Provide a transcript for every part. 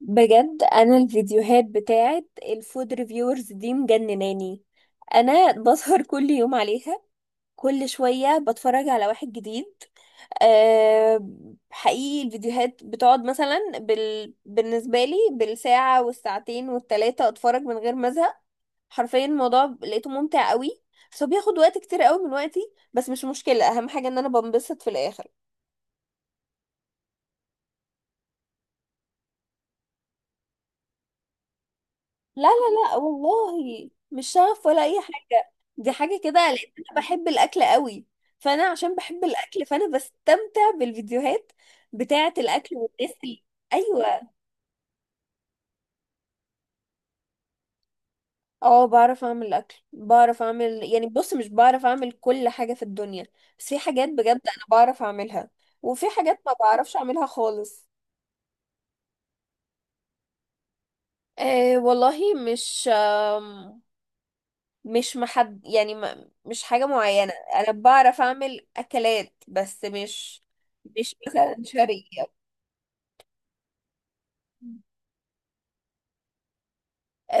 بجد انا الفيديوهات بتاعت الفود ريفيورز دي مجنناني. انا بسهر كل يوم عليها. كل شوية بتفرج على واحد جديد. أه. حقيقي الفيديوهات بتقعد مثلا بالنسبة لي بالساعة والساعتين والتلاتة اتفرج من غير ما ازهق. حرفيا الموضوع لقيته ممتع قوي، بس هو بياخد وقت كتير قوي من وقتي. بس مش مشكلة، اهم حاجة ان انا بنبسط في الاخر. لا، لا، لا، والله مش شغف ولا اي حاجه، دي حاجه كده لان انا بحب الاكل قوي. فانا عشان بحب الاكل فانا بستمتع بالفيديوهات بتاعه الاكل والناس اللي. ايوه. اه، بعرف اعمل اكل، بعرف اعمل يعني بص مش بعرف اعمل كل حاجه في الدنيا، بس في حاجات بجد انا بعرف اعملها، وفي حاجات ما بعرفش اعملها خالص. آه والله مش آه. مش محد يعني ما... مش حاجة معينة، انا بعرف اعمل اكلات بس مش، مش مثلا شرقية.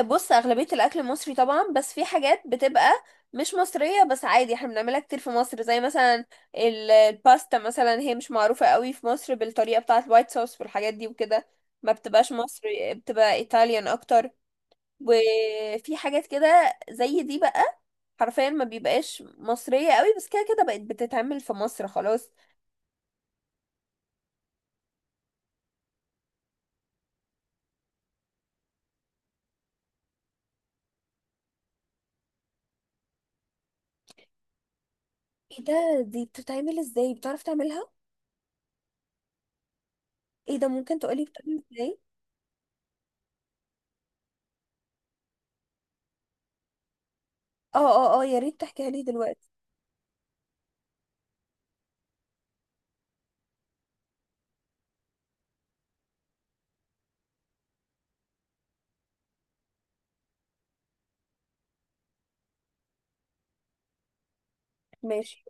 بص اغلبية الاكل المصري طبعا، بس في حاجات بتبقى مش مصرية بس عادي احنا بنعملها كتير في مصر، زي مثلا الباستا، مثلا هي مش معروفة قوي في مصر بالطريقة بتاعة الوايت صوص والحاجات دي وكده. ما بتبقاش مصري، بتبقى ايطاليان اكتر. وفي حاجات كده زي دي بقى حرفيا ما بيبقاش مصرية قوي، بس كده كده بقت بتتعمل في مصر خلاص. ايه ده؟ دي بتتعمل ازاي؟ بتعرف تعملها؟ ايه ده؟ ممكن تقولي بتعمل ازاي؟ اه، اه، اه، يا ريت تحكيها لي دلوقتي. ماشي.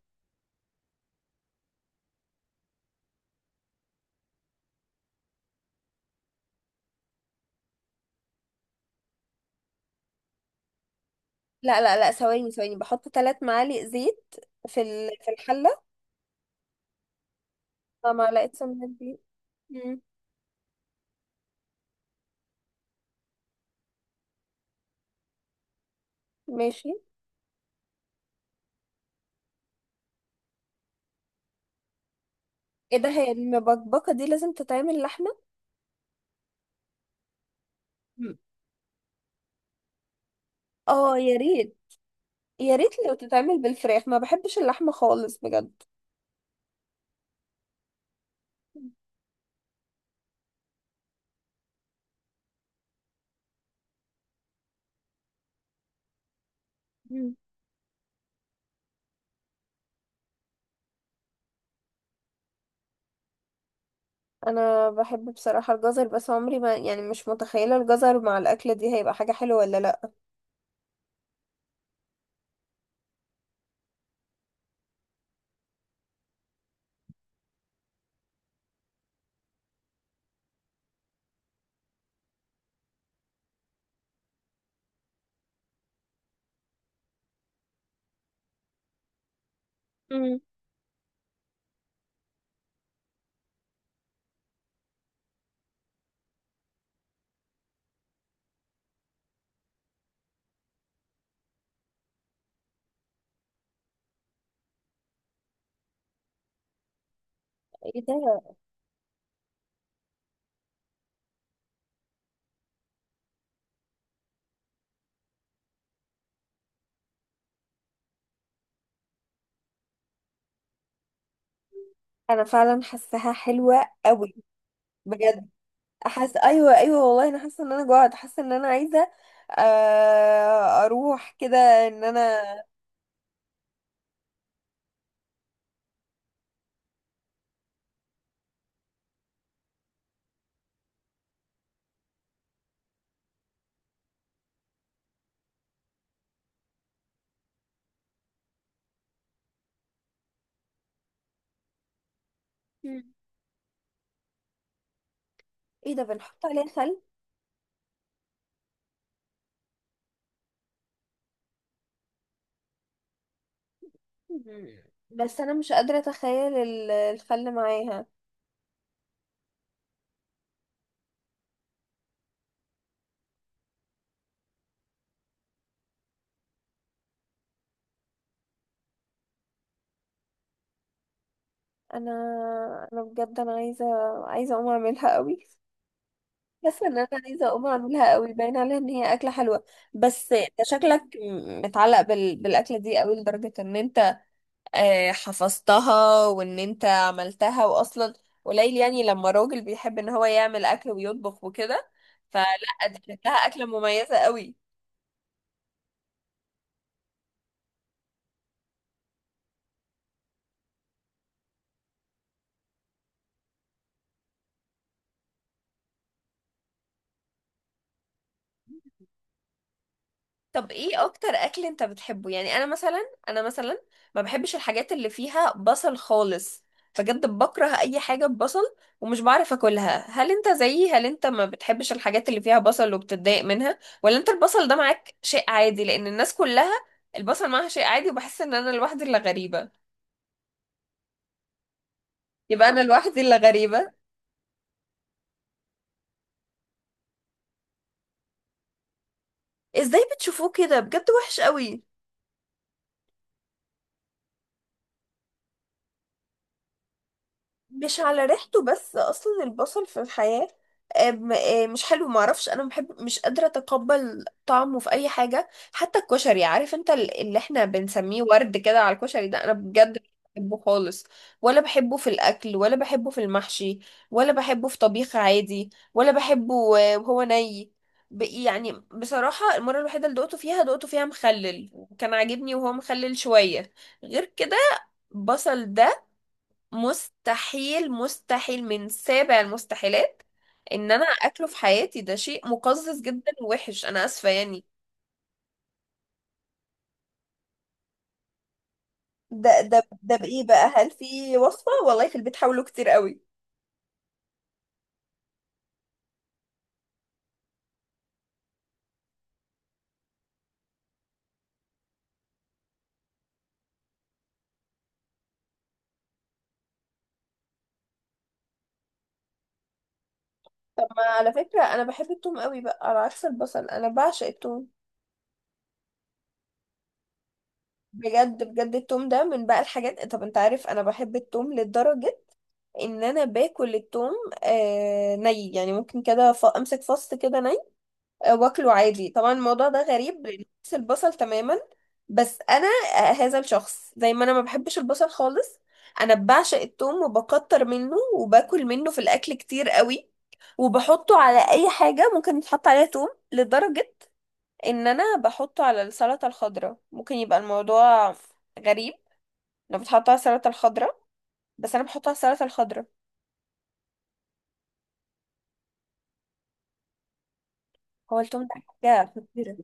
لا، لا، لا، ثواني ثواني، بحط 3 معالق زيت في الحله؟ مع معلقه سمنه دي؟ مم. ماشي. ايه ده؟ هي المبكبكه دي لازم تتعمل لحمه؟ مم. اه، يا ريت. يا ريت لو تتعمل بالفراخ، ما بحبش اللحمه خالص بجد. مم. انا بحب بصراحه الجزر، بس عمري ما يعني، مش متخيله الجزر مع الاكله دي هيبقى حاجه حلوه ولا لا. مم. ايه ده؟ انا فعلا حاساها حلوه قوي. بجد. احس، ايوه، ايوه، والله انا حاسه ان انا جوعت، حاسه ان انا عايزه اروح كده، ان انا. مم. ايه ده؟ بنحط عليها خل؟ مم. بس انا مش قادره اتخيل الخل معاها. انا انا بجد انا عايزه، عايزه اقوم اعملها قوي. حاسه ان انا عايزه اقوم اعملها قوي، باين عليها ان هي اكله حلوه. بس انت شكلك متعلق بالاكله دي قوي لدرجه ان انت حفظتها، وان انت عملتها، واصلا قليل يعني لما راجل بيحب ان هو يعمل اكل ويطبخ وكده، فلا، دي شكلها اكله مميزه قوي. طب ايه اكتر اكل انت بتحبه؟ يعني انا مثلا ما بحبش الحاجات اللي فيها بصل خالص، بجد بكره اي حاجه ببصل، ومش بعرف اكلها. هل انت زيي؟ هل انت ما بتحبش الحاجات اللي فيها بصل وبتتضايق منها؟ ولا انت البصل ده معاك شيء عادي، لان الناس كلها البصل معاها شيء عادي، وبحس ان انا الوحيده اللي غريبه. يبقى انا لوحدي اللي غريبة؟ ازاي بتشوفوه كده؟ بجد وحش قوي. مش على ريحته، بس اصلا البصل في الحياة مش حلو، معرفش، انا بحب، مش قادرة اتقبل طعمه في اي حاجة، حتى الكشري، عارف انت اللي احنا بنسميه ورد كده على الكشري ده، انا بجد مش بحبه خالص، ولا بحبه في الاكل، ولا بحبه في المحشي، ولا بحبه في طبيخ عادي، ولا بحبه وهو ني، يعني بصراحة المرة الوحيدة اللي دقته فيها، دقته فيها مخلل، وكان عاجبني وهو مخلل شوية. غير كده البصل ده مستحيل، مستحيل من سابع المستحيلات ان انا اكله في حياتي، ده شيء مقزز جدا ووحش، انا اسفه يعني. ده بايه بقى؟ هل في وصفة؟ والله في البيت حاولوا كتير قوي. طب، ما على فكره انا بحب التوم قوي، بقى على عكس البصل انا بعشق التوم. بجد بجد التوم ده من بقى الحاجات، طب انت عارف انا بحب التوم لدرجة ان انا باكل التوم آه ني، يعني ممكن كده امسك فص كده ني، واكله عادي. طبعا الموضوع ده غريب لان بحس البصل تماما، بس انا، هذا الشخص، زي ما انا ما بحبش البصل خالص، انا بعشق التوم وبكتر منه وباكل منه في الاكل كتير قوي، وبحطه على اي حاجة ممكن يتحط عليها توم، لدرجة ان انا بحطه على السلطة الخضراء، ممكن يبقى الموضوع غريب لو بتحطه على السلطة الخضراء، بس انا بحطه على السلطة الخضراء. هو التوم ده حاجة خطيرة.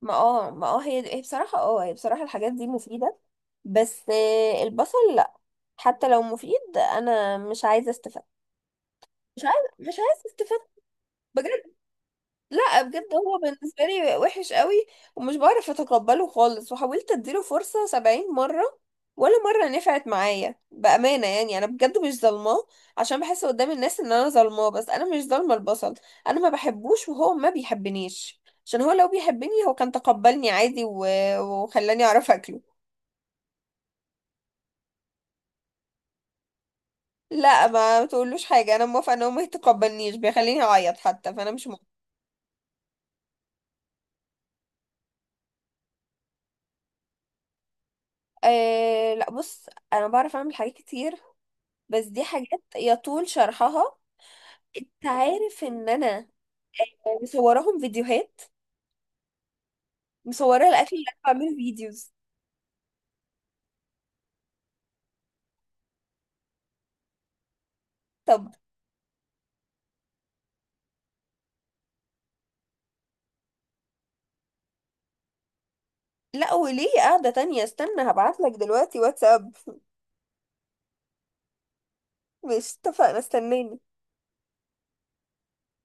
ما اه ما اه هي بصراحة، الحاجات دي مفيدة، بس البصل لا، حتى لو مفيد انا مش عايزه استفاد. مش عايزه استفاد، بجد. لا بجد، هو بالنسبه لي وحش قوي، ومش بعرف اتقبله خالص، وحاولت اديله فرصه 70 مره، ولا مره نفعت معايا بامانه يعني، انا بجد مش ظالماه، عشان بحس قدام الناس ان انا ظالماه، بس انا مش ظالمه البصل، انا ما بحبوش وهو ما بيحبنيش، عشان هو لو بيحبني هو كان تقبلني عادي، وخلاني اعرف اكله. لا، ما تقولوش حاجة، انا موافقة ان هو ما يتقبلنيش بيخليني اعيط، حتى فانا مش موافقة. أه، لا، بص انا بعرف اعمل حاجات كتير، بس دي حاجات يطول شرحها. انت عارف ان انا مصوراهم فيديوهات، مصورة الاكل اللي انا بعمله فيديوز. طب، لا وليه قاعدة تانية؟ استنى هبعتلك دلوقتي واتساب. مش اتفقنا؟ استناني.